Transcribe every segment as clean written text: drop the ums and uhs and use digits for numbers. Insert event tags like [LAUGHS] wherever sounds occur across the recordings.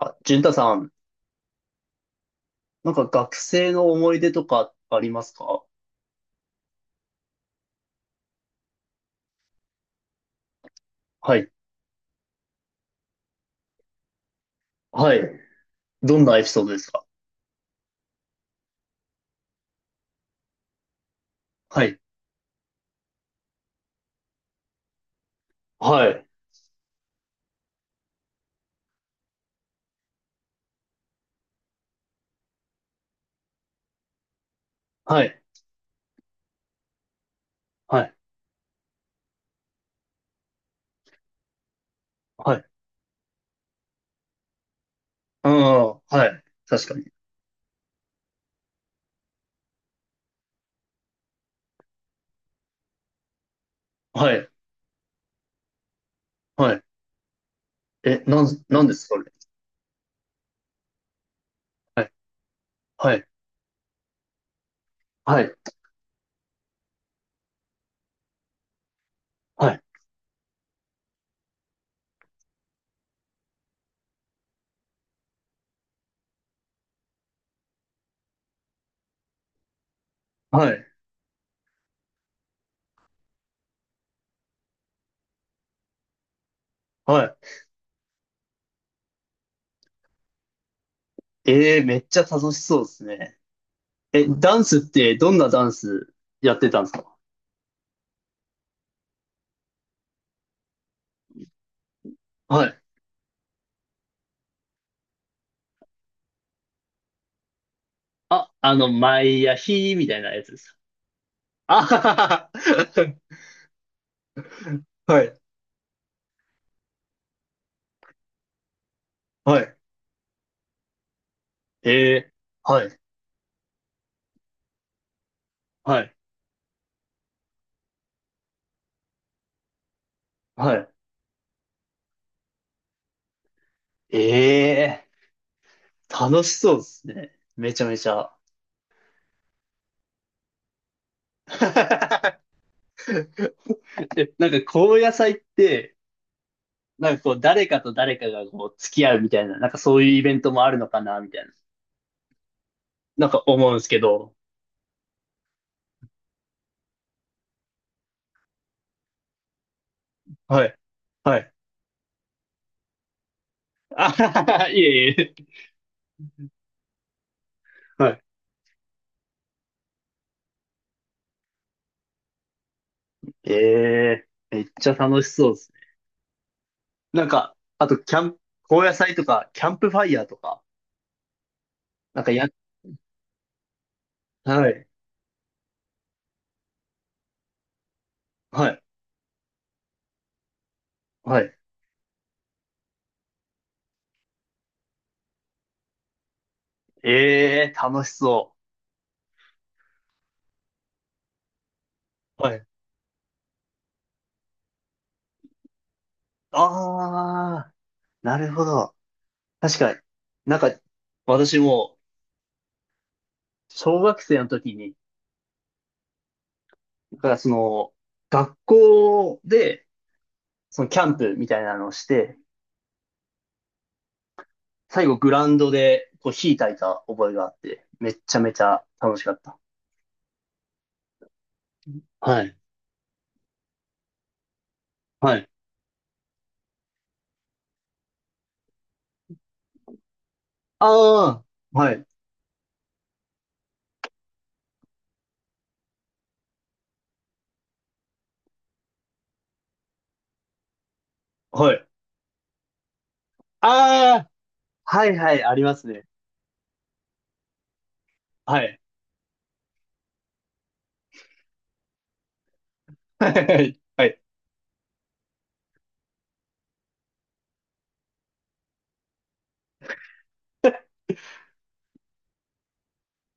あ、淳太さん、なんか学生の思い出とかありますか？はい。はい。どんなエピソードですか？はい。はい。はい。はい。はい。うん。はい。確かに。はい。はい。え、なんですかそれ。はい。はい。はい。はい。はい。はい。えー、めっちゃ楽しそうですね。え、ダンスってどんなダンスやってたんですか？はい。あ、あの、毎夜日みたいなやつです。あはははは。はい。はい。えー、はい。はい。はい。ええ、楽しそうですね。めちゃめちゃ。[LAUGHS] え、なんか高野菜って、なんかこう誰かと誰かがこう付き合うみたいな、なんかそういうイベントもあるのかな、みたいな。なんか思うんですけど。はい。はい。[LAUGHS] あははは、いえいえ。はい。ええ、めっちゃ楽しそうですね。なんか、あとキャンプ、高野菜とか、キャンプファイヤーとか、なんかや、はい。はい。はい。ええ、楽しそう。はい。ああ。なるほど。確かに。なんか、私も、小学生の時に、だからその、学校で、そのキャンプみたいなのをして、最後グラウンドで、こう、火焚いた覚えがあって、めっちゃめちゃ楽しかった。はい。はい。ああ、はい。はい。ああ、はいはい、ありますね。はい。はい。はい。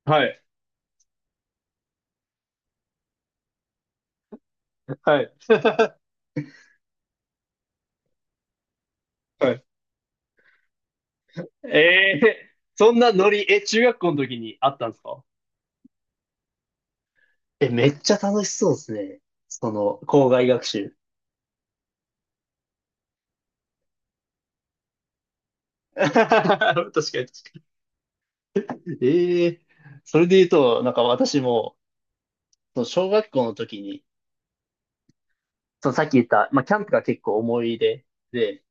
はい。はい。[LAUGHS] はいえ [LAUGHS] え、そんなノリ、え、中学校の時にあったんですか？え、めっちゃ楽しそうですね。その、校外学習。[LAUGHS] 確かに、確かに。ええ、それで言うと、なんか私も、その小学校の時に、そのさっき言った、まあ、キャンプが結構思い出で、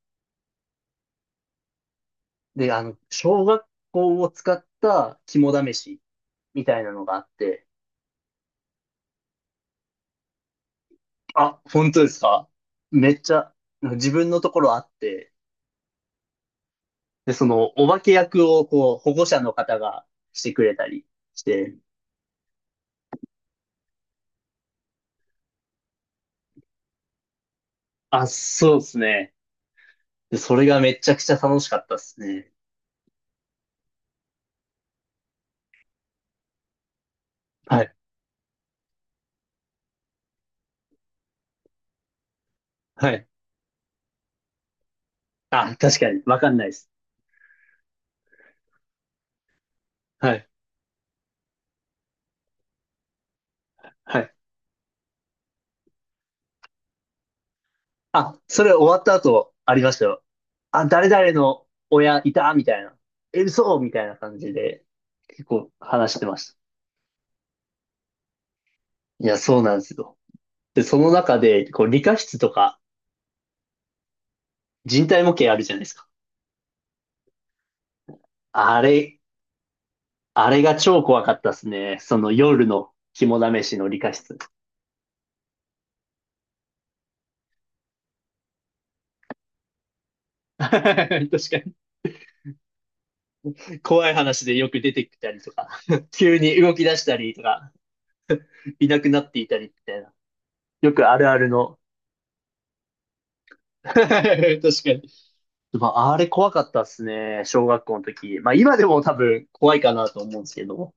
で、あの、小学校を使った肝試しみたいなのがあって、あ、本当ですか？めっちゃ、自分のところあって、で、その、お化け役を、こう、保護者の方がしてくれたりして、あ、そうですね。で、それがめちゃくちゃ楽しかったですね。はい。はい。あ、確かに、わかんないです。はい。はい。あ、それ終わった後、ありましたよ。あ、誰々の親いたみたいな。え、嘘みたいな感じで、結構話してました。いや、そうなんですよ。で、その中で、こう、理科室とか、人体模型あるじゃないですか。あれ、あれが超怖かったですね。その夜の肝試しの理科室。[LAUGHS] 確かに。怖い話でよく出てきたりとか、[LAUGHS] 急に動き出したりとか、いなくなっていたりみたいな。よくあるあるの。[LAUGHS] 確かに。まあ、あれ怖かったっすね。小学校の時。まあ、今でも多分怖いかなと思うんですけど。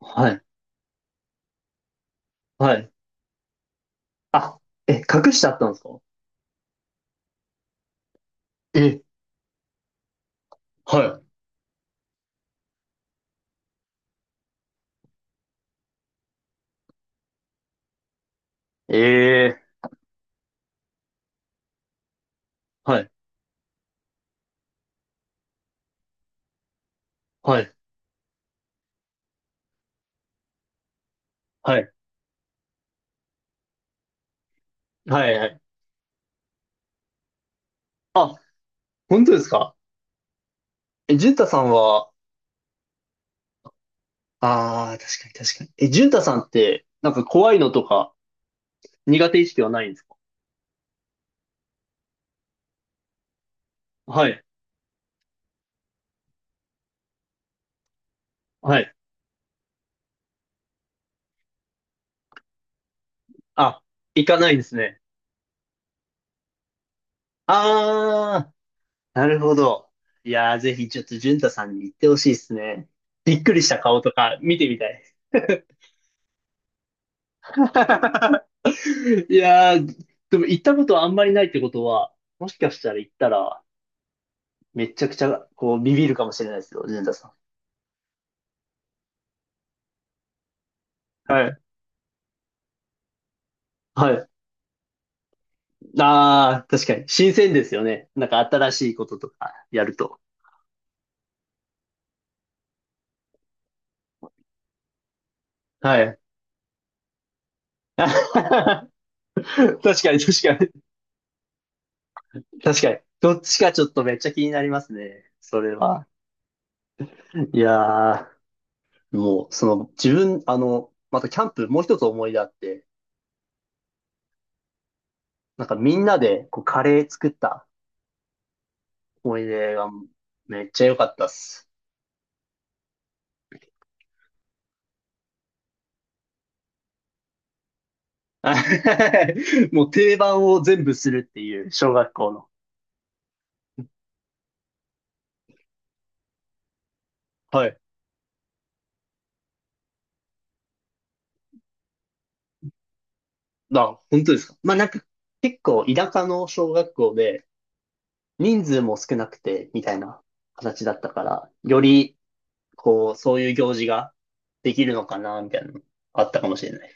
はい。はい。あ、え、隠してあったんですか？え、はい。ええ、はい。はい。はい。はい。はい。あ、本当ですか？え、淳太さんは、ああ、確かに、確かに。え、淳太さんって、なんか怖いのとか苦手意識はないんですか？はい。はい。あ、行かないんですね。ああ、なるほど。いやー、ぜひちょっと淳太さんに言ってほしいですね。びっくりした顔とか見てみたい。[LAUGHS] いやー、でも行ったことはあんまりないってことは、もしかしたら行ったら、めちゃくちゃ、こう、ビビるかもしれないですよ、淳太さん。はい。はい。ああ、確かに。新鮮ですよね。なんか新しいこととかやると。はい。[LAUGHS] 確かに、確かに。確かに。どっちかちょっとめっちゃ気になりますね。それは。いやー。もう、その、自分、あの、またキャンプ、もう一つ思い出あって、なんかみんなで、こう、カレー作った思い出が、めっちゃ良かったっす。[LAUGHS] もう定番を全部するっていう、小学校の。はい。あ、本当ですか。まあ、なんか、結構、田舎の小学校で、人数も少なくて、みたいな形だったから、より、こう、そういう行事ができるのかな、みたいなの、あったかもしれない。